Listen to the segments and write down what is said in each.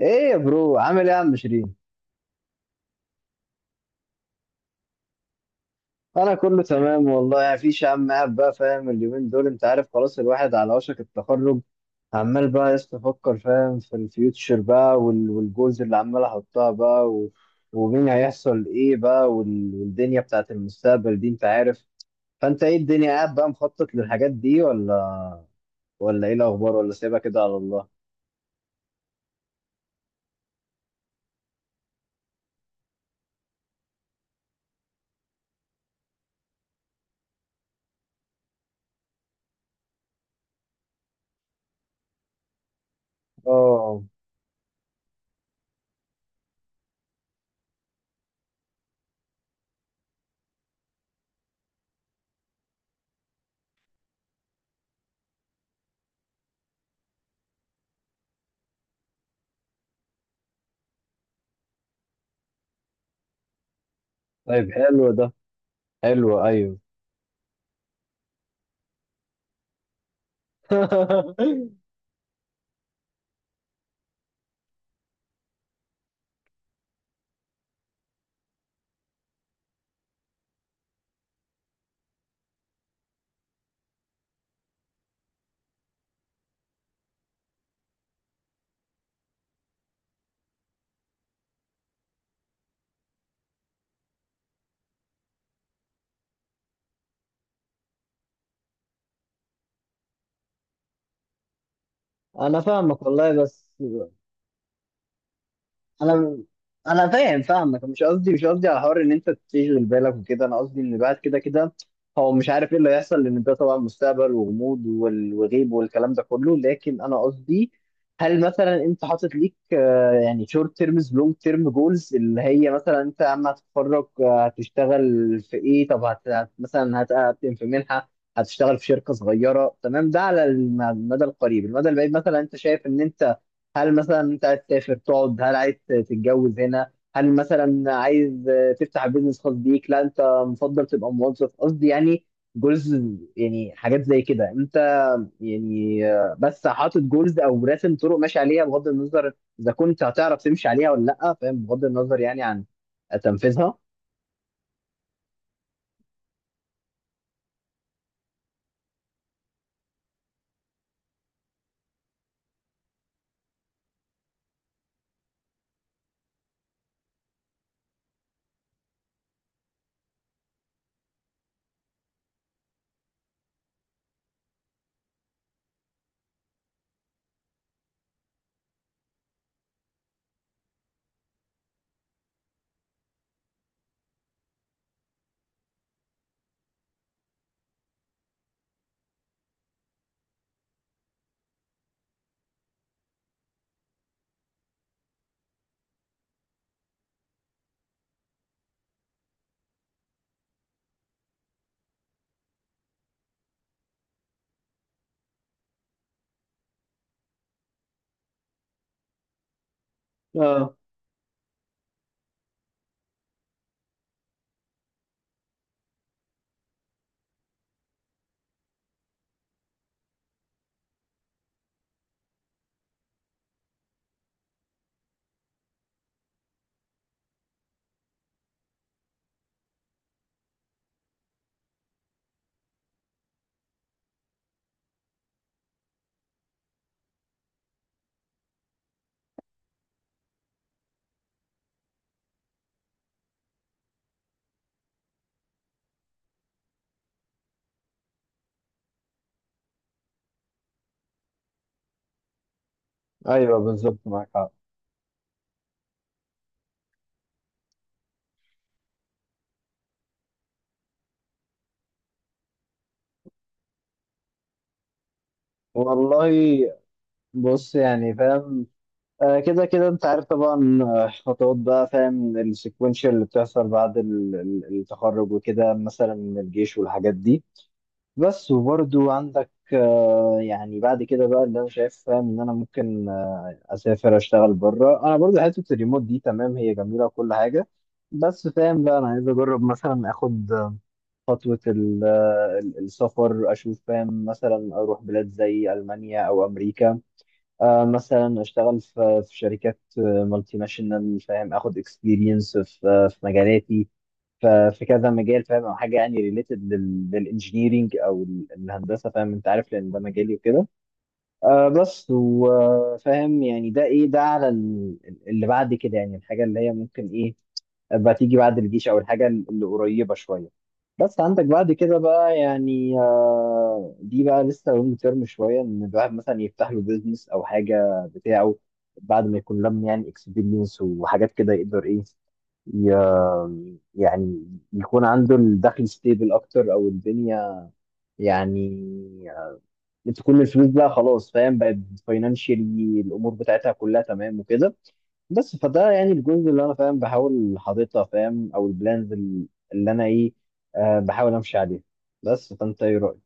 ايه يا برو، عامل ايه يا عم شيرين؟ انا كله تمام والله، يعني مفيش يا عم، قاعد بقى فاهم اليومين دول، انت عارف، خلاص الواحد على وشك التخرج. عمال بقى يستفكر فاهم في الفيوتشر بقى، والجولز اللي عمال احطها بقى ومين هيحصل ايه بقى، والدنيا بتاعت المستقبل دي انت عارف. فانت ايه الدنيا، قاعد بقى مخطط للحاجات دي ولا ايه الاخبار، ولا سيبها كده على الله؟ اه، طيب، حلو ده، حلو، ايوه. انا فاهمك والله، بس انا انا فاهمك، مش قصدي على حوار ان انت تشغل بالك وكده. انا قصدي ان بعد كده كده هو مش عارف ايه اللي هيحصل، لان ده طبعا مستقبل وغموض، وغيب والكلام ده كله. لكن انا قصدي، هل مثلا انت حاطط ليك يعني شورت تيرمز، لونج تيرم جولز، اللي هي مثلا انت اما هتتخرج هتشتغل في ايه؟ طب هتقدم في منحة؟ هتشتغل في شركة صغيرة؟ تمام، ده على المدى القريب، المدى البعيد، مثلا انت شايف ان انت، هل مثلا انت عايز تسافر تقعد؟ هل عايز تتجوز هنا؟ هل مثلا عايز تفتح بيزنس خاص بيك، لا انت مفضل تبقى موظف؟ قصدي يعني جولز، يعني حاجات زي كده انت، يعني بس حاطط جولز او راسم طرق ماشي عليها، بغض النظر اذا كنت هتعرف تمشي عليها ولا لا، فاهم، بغض النظر يعني عن تنفيذها. اه، ايوه، بالظبط معاك حق. والله بص، يعني فاهم، كده كده انت عارف طبعا، خطوات بقى فاهم السيكونشال اللي بتحصل بعد التخرج وكده، مثلا من الجيش والحاجات دي. بس وبرضو عندك يعني بعد كده بقى اللي انا شايف فاهم ان انا ممكن اسافر اشتغل بره، انا برضو حته الريموت دي تمام، هي جميله وكل حاجه، بس فاهم بقى انا عايز اجرب مثلا اخد خطوه السفر، اشوف فاهم مثلا اروح بلاد زي المانيا او امريكا، مثلا اشتغل في شركات مالتي ناشونال، فاهم، اخد اكسبيرينس في مجالاتي، في كذا مجال، فاهم، او حاجه يعني ريليتد للانجينيرينج او الهندسه، فاهم، انت عارف لان ده مجالي وكده. بس وفاهم يعني ده ايه، ده على اللي بعد كده، يعني الحاجه اللي هي ممكن ايه بقى تيجي بعد الجيش، او الحاجه اللي قريبه شويه. بس عندك بعد كده بقى يعني دي بقى لسه لونج تيرم شويه، ان الواحد مثلا يفتح له بيزنس او حاجه بتاعه بعد ما يكون لم يعني اكسبيرينس وحاجات كده، يقدر ايه يعني يكون عنده الدخل ستيبل اكتر، او الدنيا يعني بتكون الفلوس بقى خلاص فاهم بقت فاينانشالي، الامور بتاعتها كلها تمام وكده. بس فده يعني الجزء اللي انا فاهم بحاول حاططها، فاهم، او البلانز اللي انا ايه، بحاول امشي عليها. بس فانت ايه رايك؟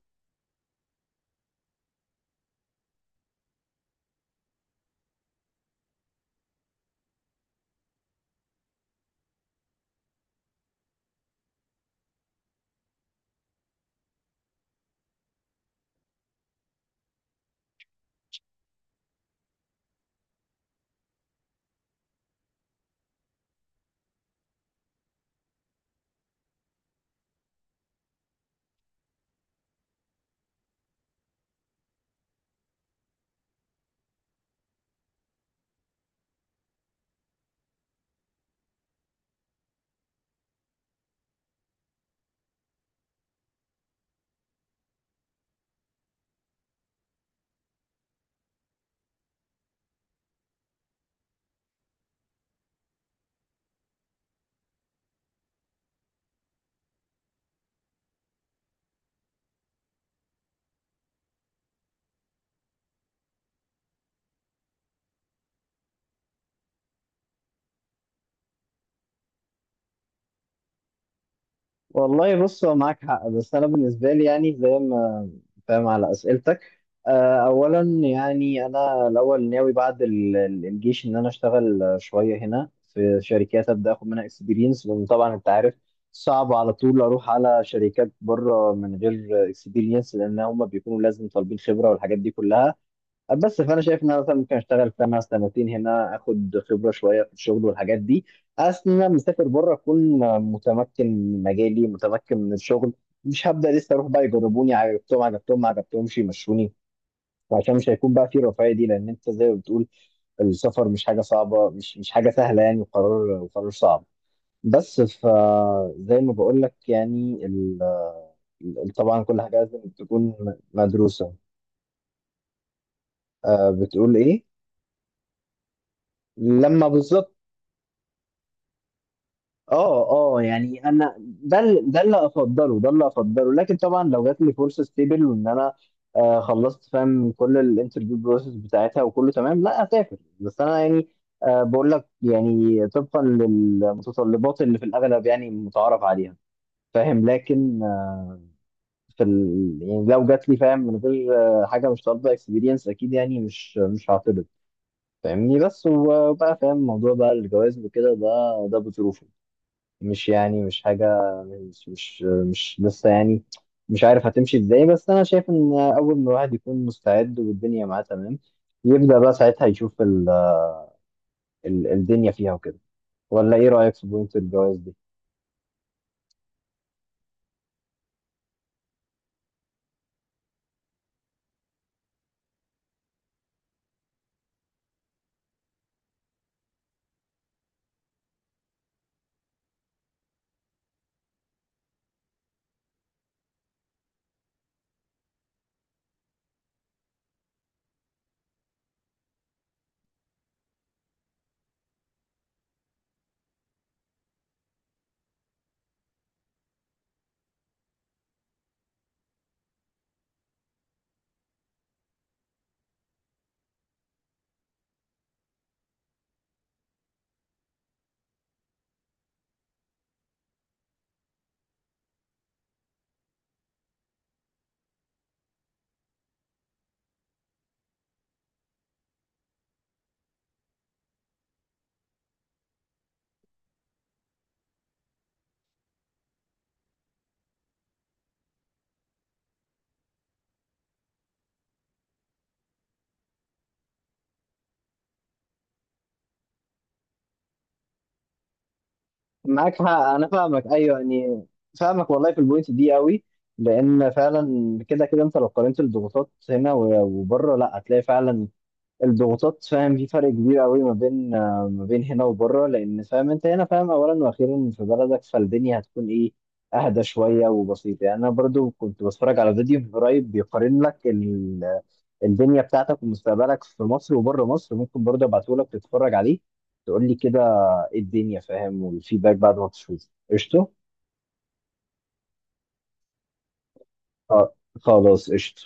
والله بص، هو معاك حق، بس انا بالنسبه لي يعني زي ما فاهم على أسئلتك. أولا يعني أنا الأول ناوي بعد الجيش إن أنا أشتغل شوية هنا في شركات، أبدأ أخد منها إكسبيرينس، لأن طبعا أنت عارف صعب على طول أروح على شركات بره من غير إكسبيرينس، لأن هم بيكونوا لازم طالبين خبرة والحاجات دي كلها. بس فانا شايف ان انا مثلا ممكن اشتغل فيها مثلا سنتين هنا، اخد خبره شويه في الشغل والحاجات دي، اصل انا مسافر بره اكون متمكن من مجالي، متمكن من الشغل، مش هبدا لسه اروح بقى يجربوني، عجبتهم عجبتهم ما عجبتهمش يمشوني، وعشان مش هيكون بقى في الرفاهيه دي، لان انت زي ما بتقول السفر مش حاجه صعبه، مش حاجه سهله يعني، وقرار صعب. بس فزي ما بقول لك يعني، طبعا كل حاجه لازم تكون مدروسه. بتقول ايه؟ لما بالظبط. اه، اه، يعني انا ده ده اللي افضله، ده اللي افضله، لكن طبعا لو جات لي فرصه ستيبل وان انا خلصت فاهم كل الانترفيو بروسيس بتاعتها وكله تمام، لا اسافر. بس انا يعني بقول لك، يعني طبقا للمتطلبات اللي في الاغلب يعني متعارف عليها، فاهم، لكن في يعني لو جات لي فاهم من غير حاجه مش طالبه اكسبيرينس، اكيد يعني مش هعترض، فاهمني؟ بس وبقى فاهم موضوع بقى الجواز وكده، ده بظروفه، مش يعني مش حاجة، مش مش مش لسه يعني، مش عارف هتمشي ازاي. بس انا شايف ان اول ما الواحد يكون مستعد والدنيا معاه تمام يبدأ بقى ساعتها يشوف ال الدنيا فيها وكده. ولا ايه رأيك في بوينت الجواز دي؟ معاك حق، انا فاهمك، ايوه يعني، فاهمك والله في البوينت دي قوي، لان فعلا كده كده انت لو قارنت الضغوطات هنا وبره لا هتلاقي فعلا الضغوطات، فاهم، في فرق كبير قوي ما بين ما بين هنا وبره، لان فاهم انت هنا، فاهم، اولا واخيرا في بلدك، فالدنيا هتكون ايه، اهدى شويه وبسيطه يعني. انا برضو كنت بتفرج على فيديو من قريب بيقارن لك الدنيا بتاعتك ومستقبلك في مصر وبره مصر، ممكن برضو ابعته لك تتفرج عليه تقول لي كده ايه الدنيا، فاهم، والفيدباك بعد ما تشوف، قشطه. آه، خلاص قشطه.